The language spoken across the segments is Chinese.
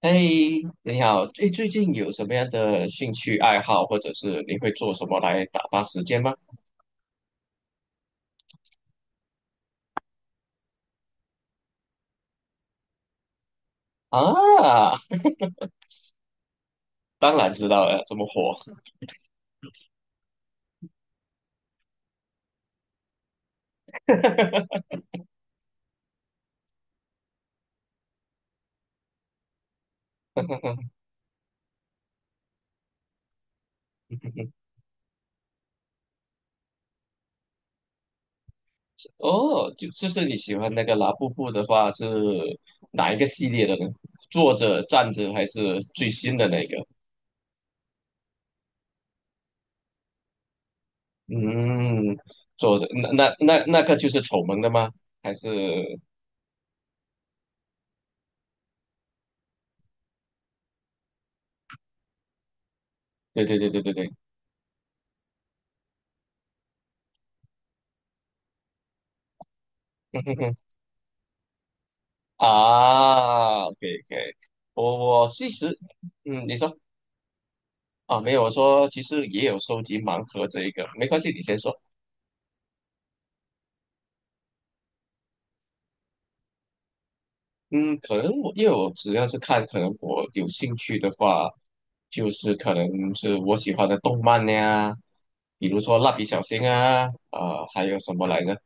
哎，你好，哎，最近有什么样的兴趣爱好，或者是你会做什么来打发时间吗？啊，当然知道了，这么火。哦，就是你喜欢那个拉布布的话，是哪一个系列的呢？坐着、站着，还是最新的那个？嗯，坐着，那个就是丑萌的吗？还是？对对对对对对。嗯啊，可以可以，我其实，你说。啊，没有，我说其实也有收集盲盒这一个，没关系，你先说。嗯，可能我因为我只要是看，可能我有兴趣的话，就是可能是我喜欢的动漫呀，比如说蜡笔小新啊，还有什么来着？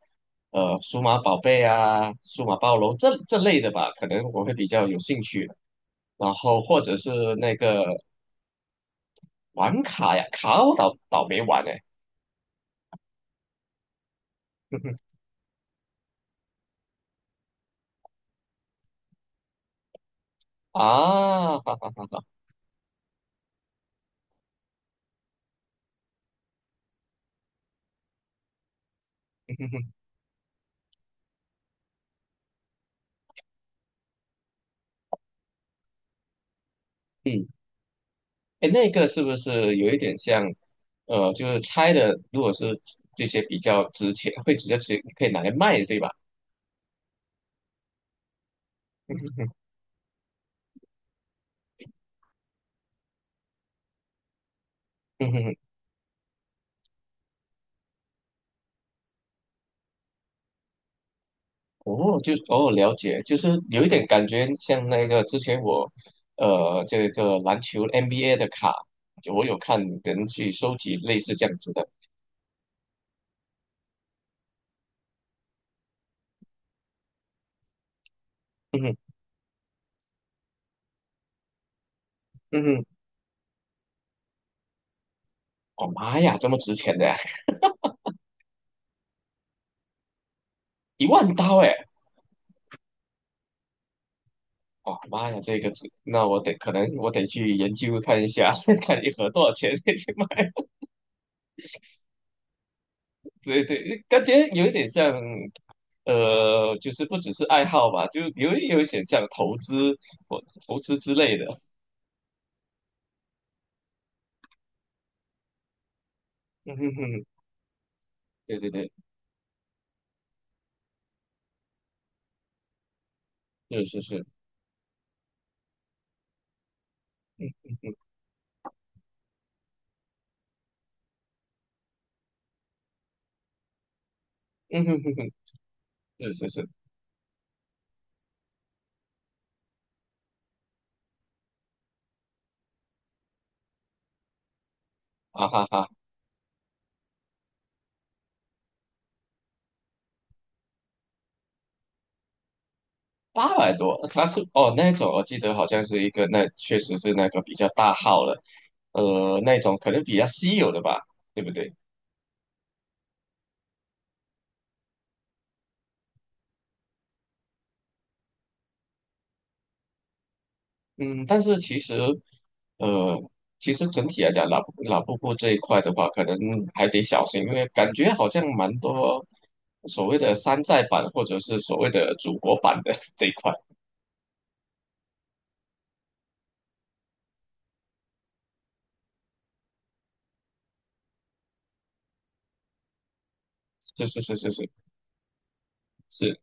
数码宝贝啊，数码暴龙这类的吧，可能我会比较有兴趣的。然后或者是那个玩卡呀，卡我倒没玩哎、啊，哈哈哈哈，嗯。哎，那个是不是有一点像，就是拆的，如果是这些比较值钱，会直接可以拿来卖，对吧？嗯哼哼，哦，就哦，了解，就是有一点感觉像那个之前我，这个篮球 NBA 的卡，就我有看人去收集类似这样子的，嗯哼，嗯哼，哦妈呀，这么值钱的呀，1万刀哎，哦妈呀，这个值，那我得可能我得去研究看一下，看一盒多少钱，对对，感觉有一点像，就是不只是爱好吧，就有一点像投资或投资之类的。嗯哼哼，对对对，是是是，嗯哼哼哼，是是是，啊哈哈，800多，它是哦那种，我记得好像是一个那确实是那个比较大号了，那种可能比较稀有的吧，对不对？嗯，但是其实，呃，其实整体来讲，老布布这一块的话，可能还得小心，因为感觉好像蛮多所谓的山寨版或者是所谓的祖国版的 这一块。是是是是是是，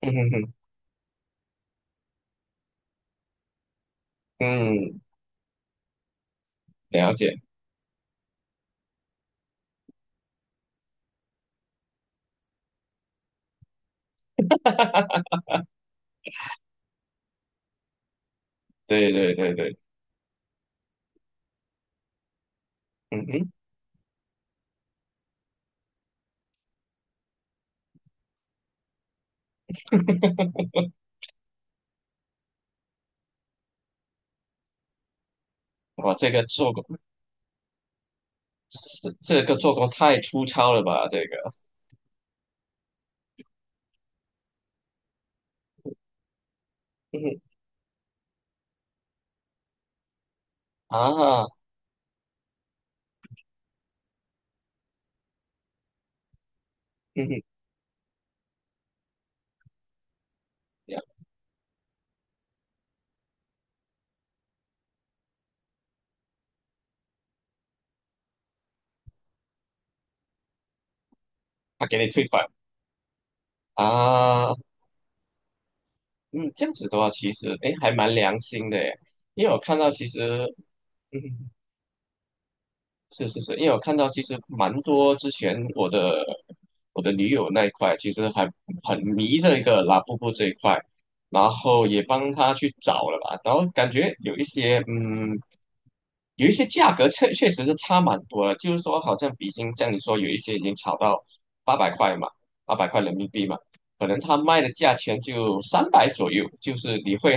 嗯哼哼，嗯，了解，对对对对，嗯哼，哇，这个做工，这个做工太粗糙了吧，这个，嗯哼，啊，嗯哼，他给你退款啊。嗯，这样子的话，其实哎，诶还蛮良心的耶，因为我看到其实，嗯，是是是，因为我看到其实蛮多之前我的女友那一块，其实还很迷这个拉布布这一块，然后也帮她去找了吧，然后感觉有一些价格确实是差蛮多了，就是说好像比金像你说有一些已经炒到八百块嘛，800块人民币嘛，可能他卖的价钱就300左右，就是你会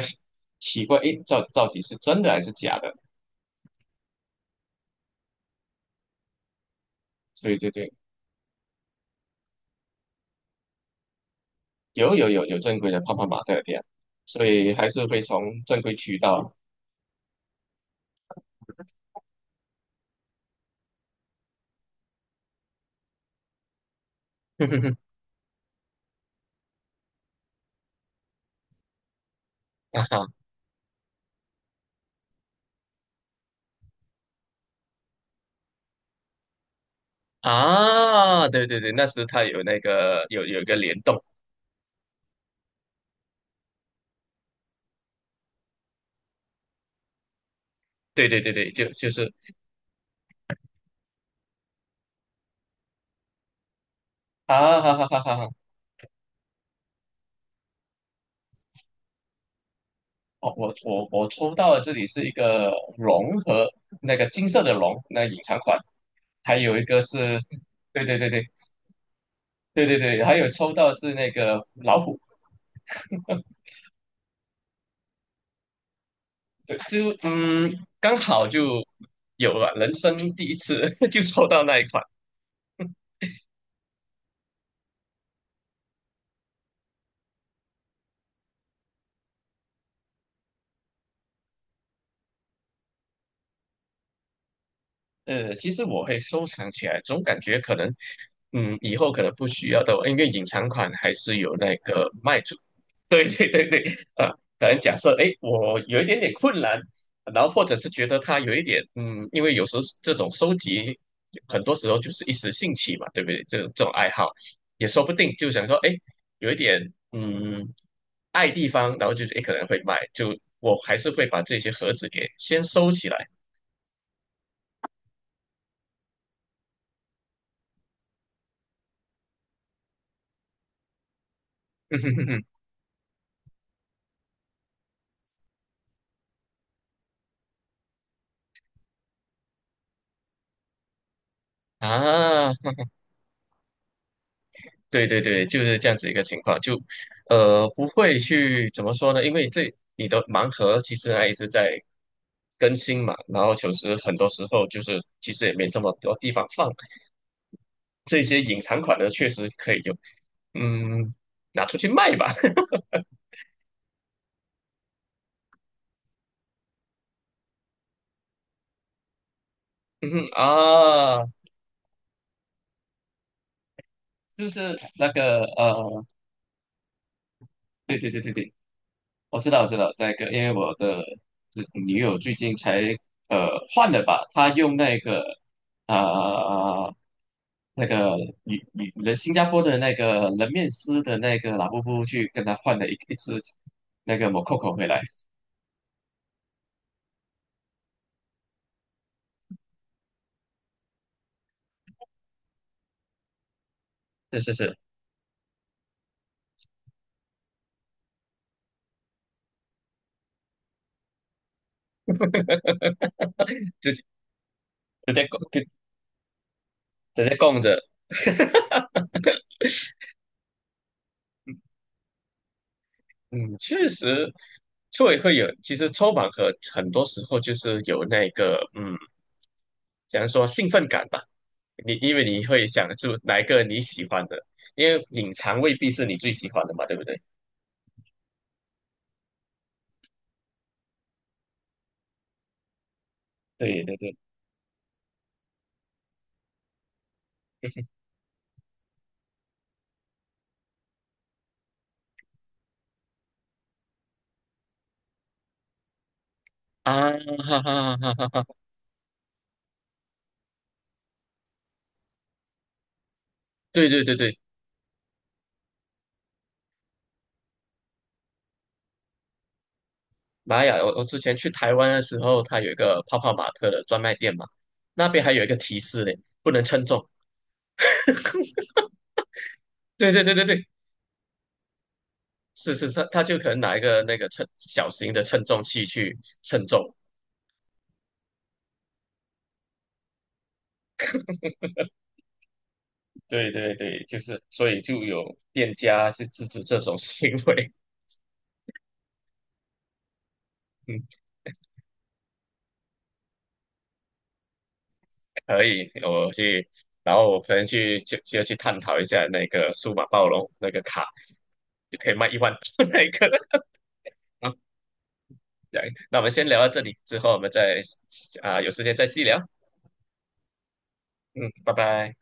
奇怪，诶，到底是真的还是假的？对对对。有正规的泡泡玛特的店，所以还是会从正规渠道。哼哼哼，啊哈啊，对对对，那时它有那个有一个联动，对对对对，就是啊哈哈哈哈哈，哦，我抽到的这里是一个龙和那个金色的龙，那隐藏款，还有一个是，对对对对对对对，还有抽到是那个老虎，对就刚好就有了人生第一次 就抽到那一款。其实我会收藏起来，总感觉可能，以后可能不需要的，因为隐藏款还是有那个卖主。对对对对，啊，可能假设，哎，我有一点点困难，然后或者是觉得它有一点，因为有时候这种收集，很多时候就是一时兴起嘛，对不对？这种爱好，也说不定就想说，哎，有一点，嗯，爱地方，然后就是，哎，可能会卖，就我还是会把这些盒子给先收起来。啊，对对对，就是这样子一个情况，就不会去怎么说呢？因为这你的盲盒其实还一直在更新嘛，然后其实很多时候就是其实也没这么多地方放这些隐藏款的，确实可以用，嗯，拿出去卖吧。嗯哼啊，就是那个对对对对对。我知道，我知道，那个，因为我的女友最近才呃换了吧，她用那个啊、那个女人新加坡的那个人面狮的那个拉布布去跟她换了一只那个 Mococo 回来，是是是，直直接供跟直接供着，嗯，确实，所以会有，其实抽盲盒很多时候就是有那个，嗯。假如说兴奋感吧？你因为你会想出哪一个你喜欢的，因为隐藏未必是你最喜欢的嘛，对不对？对对对。啊，哈哈哈哈哈！哈，对对对对，玛雅，我之前去台湾的时候，它有一个泡泡玛特的专卖店嘛，那边还有一个提示呢，不能称重。对对对对对，是是是，他就可能拿一个那个称小型的称重器去称重。对对对，就是所以就有店家去制止这种行为。可以，我去，然后我可能去就去探讨一下那个数码暴龙那个卡，就可以卖一万 那个。啊，对，那我们先聊到这里，之后我们再啊、有时间再细聊。嗯，拜拜。